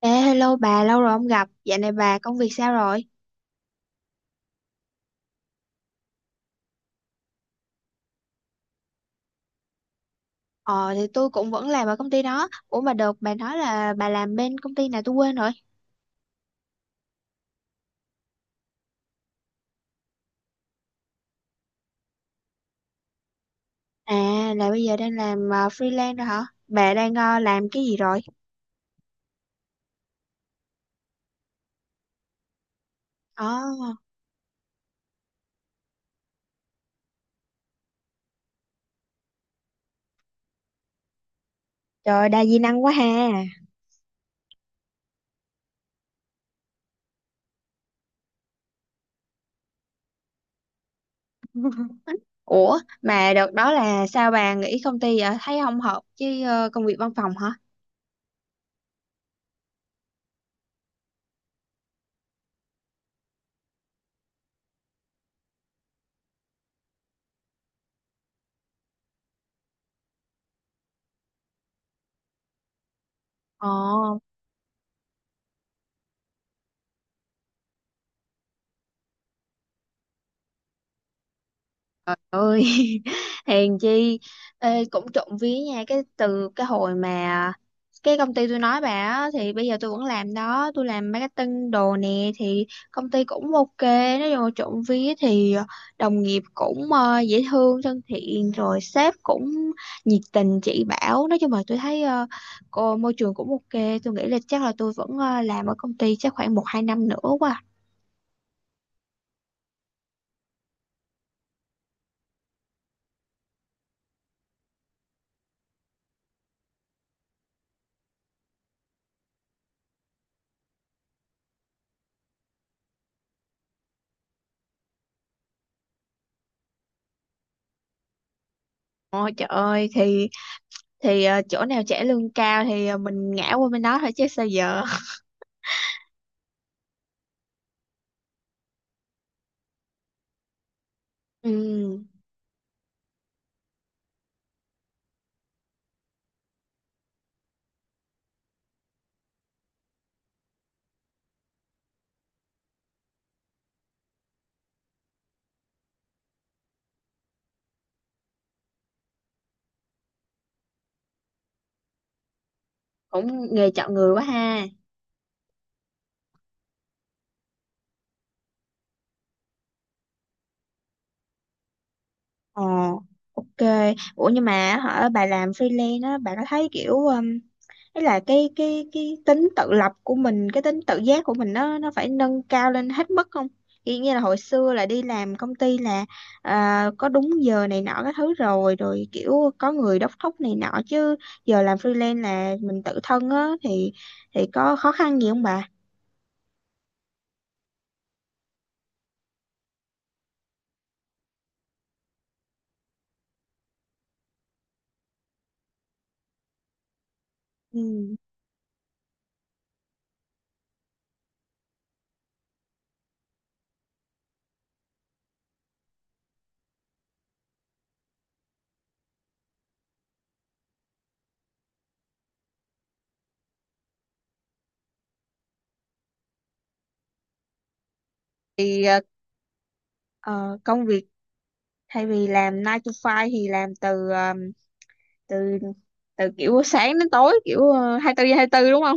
Ê, hello bà, lâu rồi không gặp. Dạo này bà công việc sao rồi? Ờ, thì tôi cũng vẫn làm ở công ty đó. Ủa mà được, bà nói là bà làm bên công ty nào tôi quên rồi. À, là bây giờ đang làm freelance rồi hả? Bà đang làm cái gì rồi? Ờ, trời, đa di năng quá ha. Ủa, mà đợt đó là sao bà nghỉ công ty vậy? Thấy không hợp với công việc văn phòng hả? Ờ. Ơi! Hèn chi. Ê, cũng trộm vía nha, cái từ cái hồi mà cái công ty tôi nói bà á, thì bây giờ tôi vẫn làm đó, tôi làm marketing đồ nè. Thì công ty cũng ok, nói chung là trộm vía. Thì đồng nghiệp cũng dễ thương thân thiện, rồi sếp cũng nhiệt tình chỉ bảo. Nói chung là tôi thấy cô môi trường cũng ok, tôi nghĩ là chắc là tôi vẫn làm ở công ty chắc khoảng một hai năm nữa quá. Ôi trời ơi, thì chỗ nào trả lương cao thì mình ngã qua bên đó thôi chứ sao giờ. Ừ, cũng nghề chọn người quá ha. Ờ. Ok. Ủa, nhưng mà hả, bà làm freelance á, bà có thấy kiểu ấy là cái tính tự lập của mình, cái tính tự giác của mình, nó phải nâng cao lên hết mức không? Kiểu như là hồi xưa là đi làm công ty là có đúng giờ này nọ các thứ, rồi rồi kiểu có người đốc thúc này nọ chứ, giờ làm freelance là mình tự thân á, thì có khó khăn gì không bà? Ừ. Thì ờ, công việc thay vì làm 9 to 5 thì làm từ từ từ kiểu sáng đến tối, kiểu 24 hai tư, đúng không?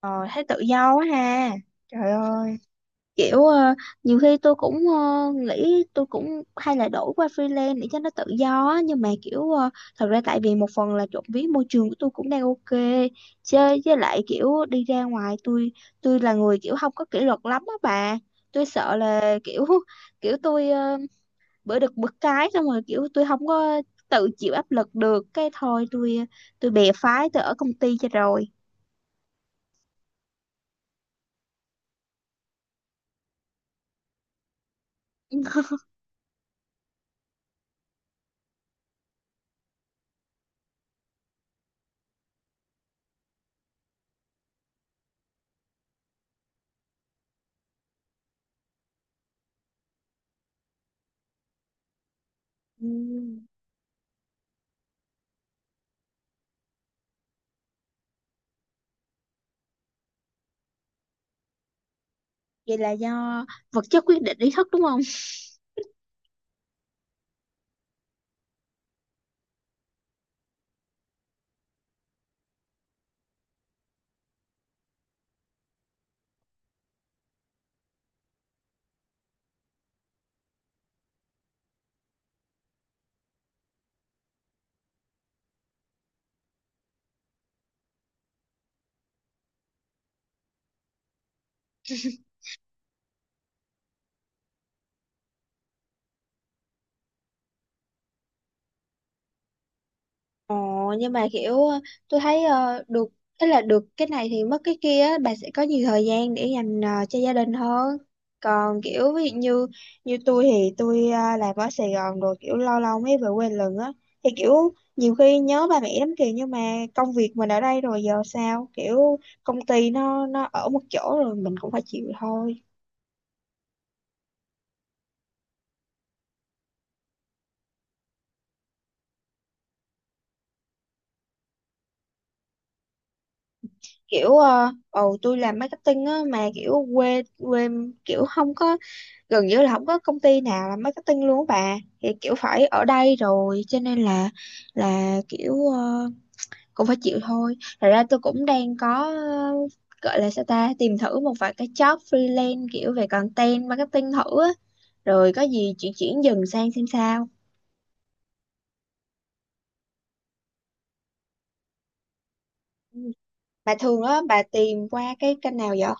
Ờ, thấy tự do quá ha. Trời ơi, kiểu nhiều khi tôi cũng nghĩ, tôi cũng hay là đổi qua freelance để cho nó tự do á, nhưng mà kiểu thật ra tại vì một phần là trộm vía môi trường của tôi cũng đang ok, chứ với lại kiểu đi ra ngoài, tôi là người kiểu không có kỷ luật lắm á bà. Tôi sợ là kiểu kiểu tôi bữa được bữa cái, xong rồi kiểu tôi không có tự chịu áp lực được, cái thôi, tôi bè phái, tôi ở công ty cho rồi. Ừ. Vậy là do vật chất quyết định ý thức, đúng không? Ồ, nhưng mà kiểu tôi thấy được, tức là được cái này thì mất cái kia á, bà sẽ có nhiều thời gian để dành cho gia đình hơn. Còn kiểu ví dụ như như tôi, thì tôi làm ở Sài Gòn rồi, kiểu lâu lâu mới về quê lần á, thì kiểu nhiều khi nhớ ba mẹ lắm kìa, nhưng mà công việc mình ở đây rồi, giờ sao, kiểu công ty nó ở một chỗ rồi, mình cũng phải chịu thôi. Kiểu ồ tôi làm marketing á, mà kiểu quê quê, kiểu không có, gần như là không có công ty nào làm marketing luôn á bà, thì kiểu phải ở đây rồi cho nên là kiểu cũng phải chịu thôi. Thật ra tôi cũng đang có gọi là sao ta, tìm thử một vài cái job freelance kiểu về content marketing thử á, rồi có gì chuyển chuyển dần sang xem sao. Ừ. Bà thường á, bà tìm qua cái kênh nào vậy?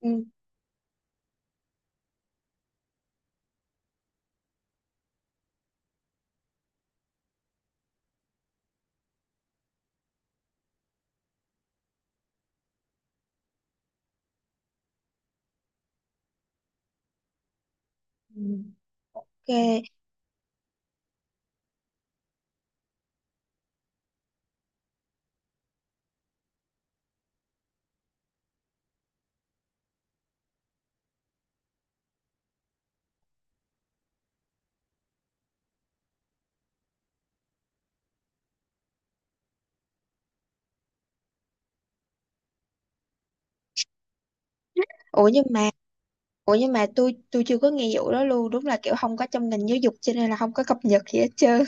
Ừ. Ừ. Ok. ủa nhưng mà Ủa, nhưng mà tôi chưa có nghe vụ đó luôn. Đúng là kiểu không có trong ngành giáo dục, cho nên là không có cập nhật gì hết trơn.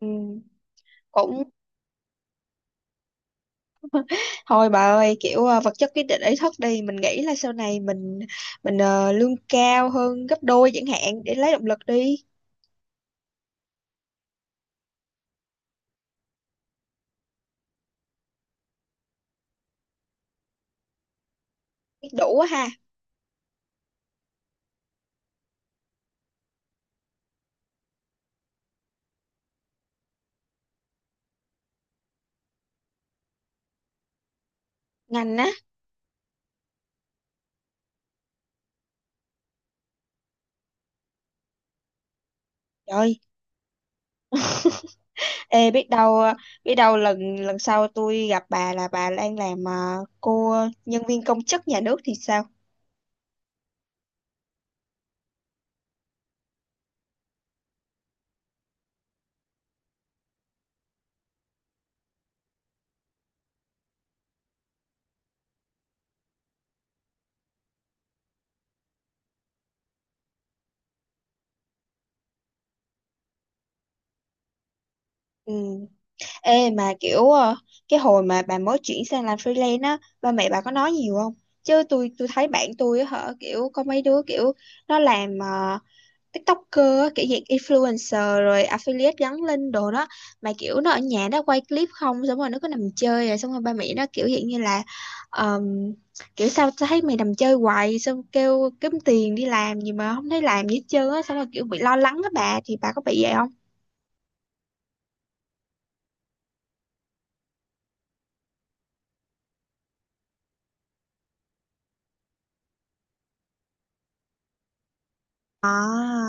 Ừ. Cũng thôi bà ơi. Kiểu vật chất quyết định ý thức đi, mình nghĩ là sau này mình lương cao hơn gấp đôi chẳng hạn, để lấy động lực đi. Biết đủ quá ha. Ngành á? Trời. Ê, biết đâu biết đâu lần lần sau tôi gặp bà là bà đang làm cô nhân viên công chức nhà nước thì sao? Ừ. Ê, mà kiểu cái hồi mà bà mới chuyển sang làm freelance á, ba mẹ bà có nói nhiều không? Chứ tôi thấy bạn tôi á hả, kiểu có mấy đứa kiểu nó làm TikToker á, kiểu dạng influencer rồi affiliate gắn link đồ đó, mà kiểu nó ở nhà nó quay clip không, xong rồi nó cứ nằm chơi, rồi xong rồi ba mẹ nó kiểu dạng như là ờm, kiểu sao tao thấy mày nằm chơi hoài, xong kêu kiếm tiền đi, làm gì mà không thấy làm gì hết trơn á, xong rồi kiểu bị lo lắng á bà, thì bà có bị vậy không? À.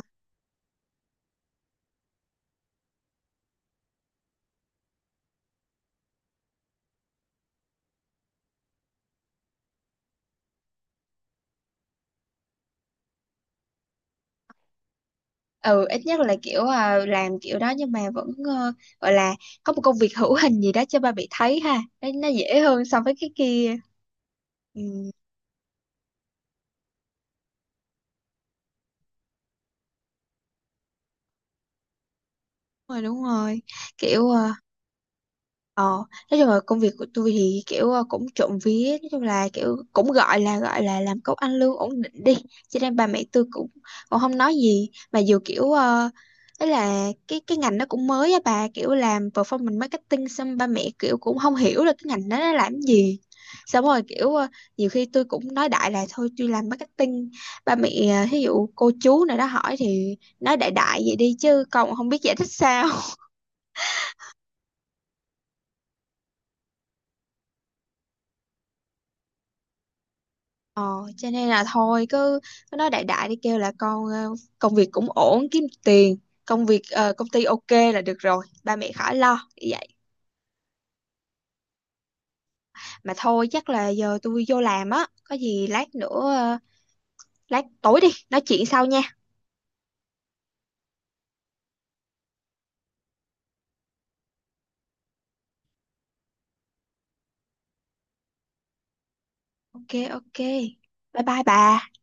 Ừ, ít nhất là kiểu làm kiểu đó nhưng mà vẫn gọi là có một công việc hữu hình gì đó cho ba bị thấy ha, nó dễ hơn so với cái kia. Ừ, đúng rồi, đúng rồi, kiểu Ờ, nói chung là công việc của tôi thì kiểu cũng trộm vía. Nói chung là kiểu cũng gọi là làm công ăn lương ổn định đi, cho nên bà mẹ tôi cũng cũng không nói gì, mà dù kiểu ấy là cái ngành nó cũng mới á bà, kiểu làm performance marketing, xong ba mẹ kiểu cũng không hiểu là cái ngành đó nó làm cái gì. Xong rồi kiểu nhiều khi tôi cũng nói đại là thôi tôi làm marketing, ba mẹ, thí dụ cô chú nào đó hỏi thì nói đại đại vậy đi, chứ còn không biết giải thích sao. Ờ, cho nên là thôi, cứ nói đại đại đi, kêu là con công việc cũng ổn kiếm tiền, công việc công ty ok là được rồi, ba mẹ khỏi lo vậy. Mà thôi, chắc là giờ tôi vô làm á, có gì lát nữa, lát tối đi nói chuyện sau nha. Ok, ok. Bye bye bà.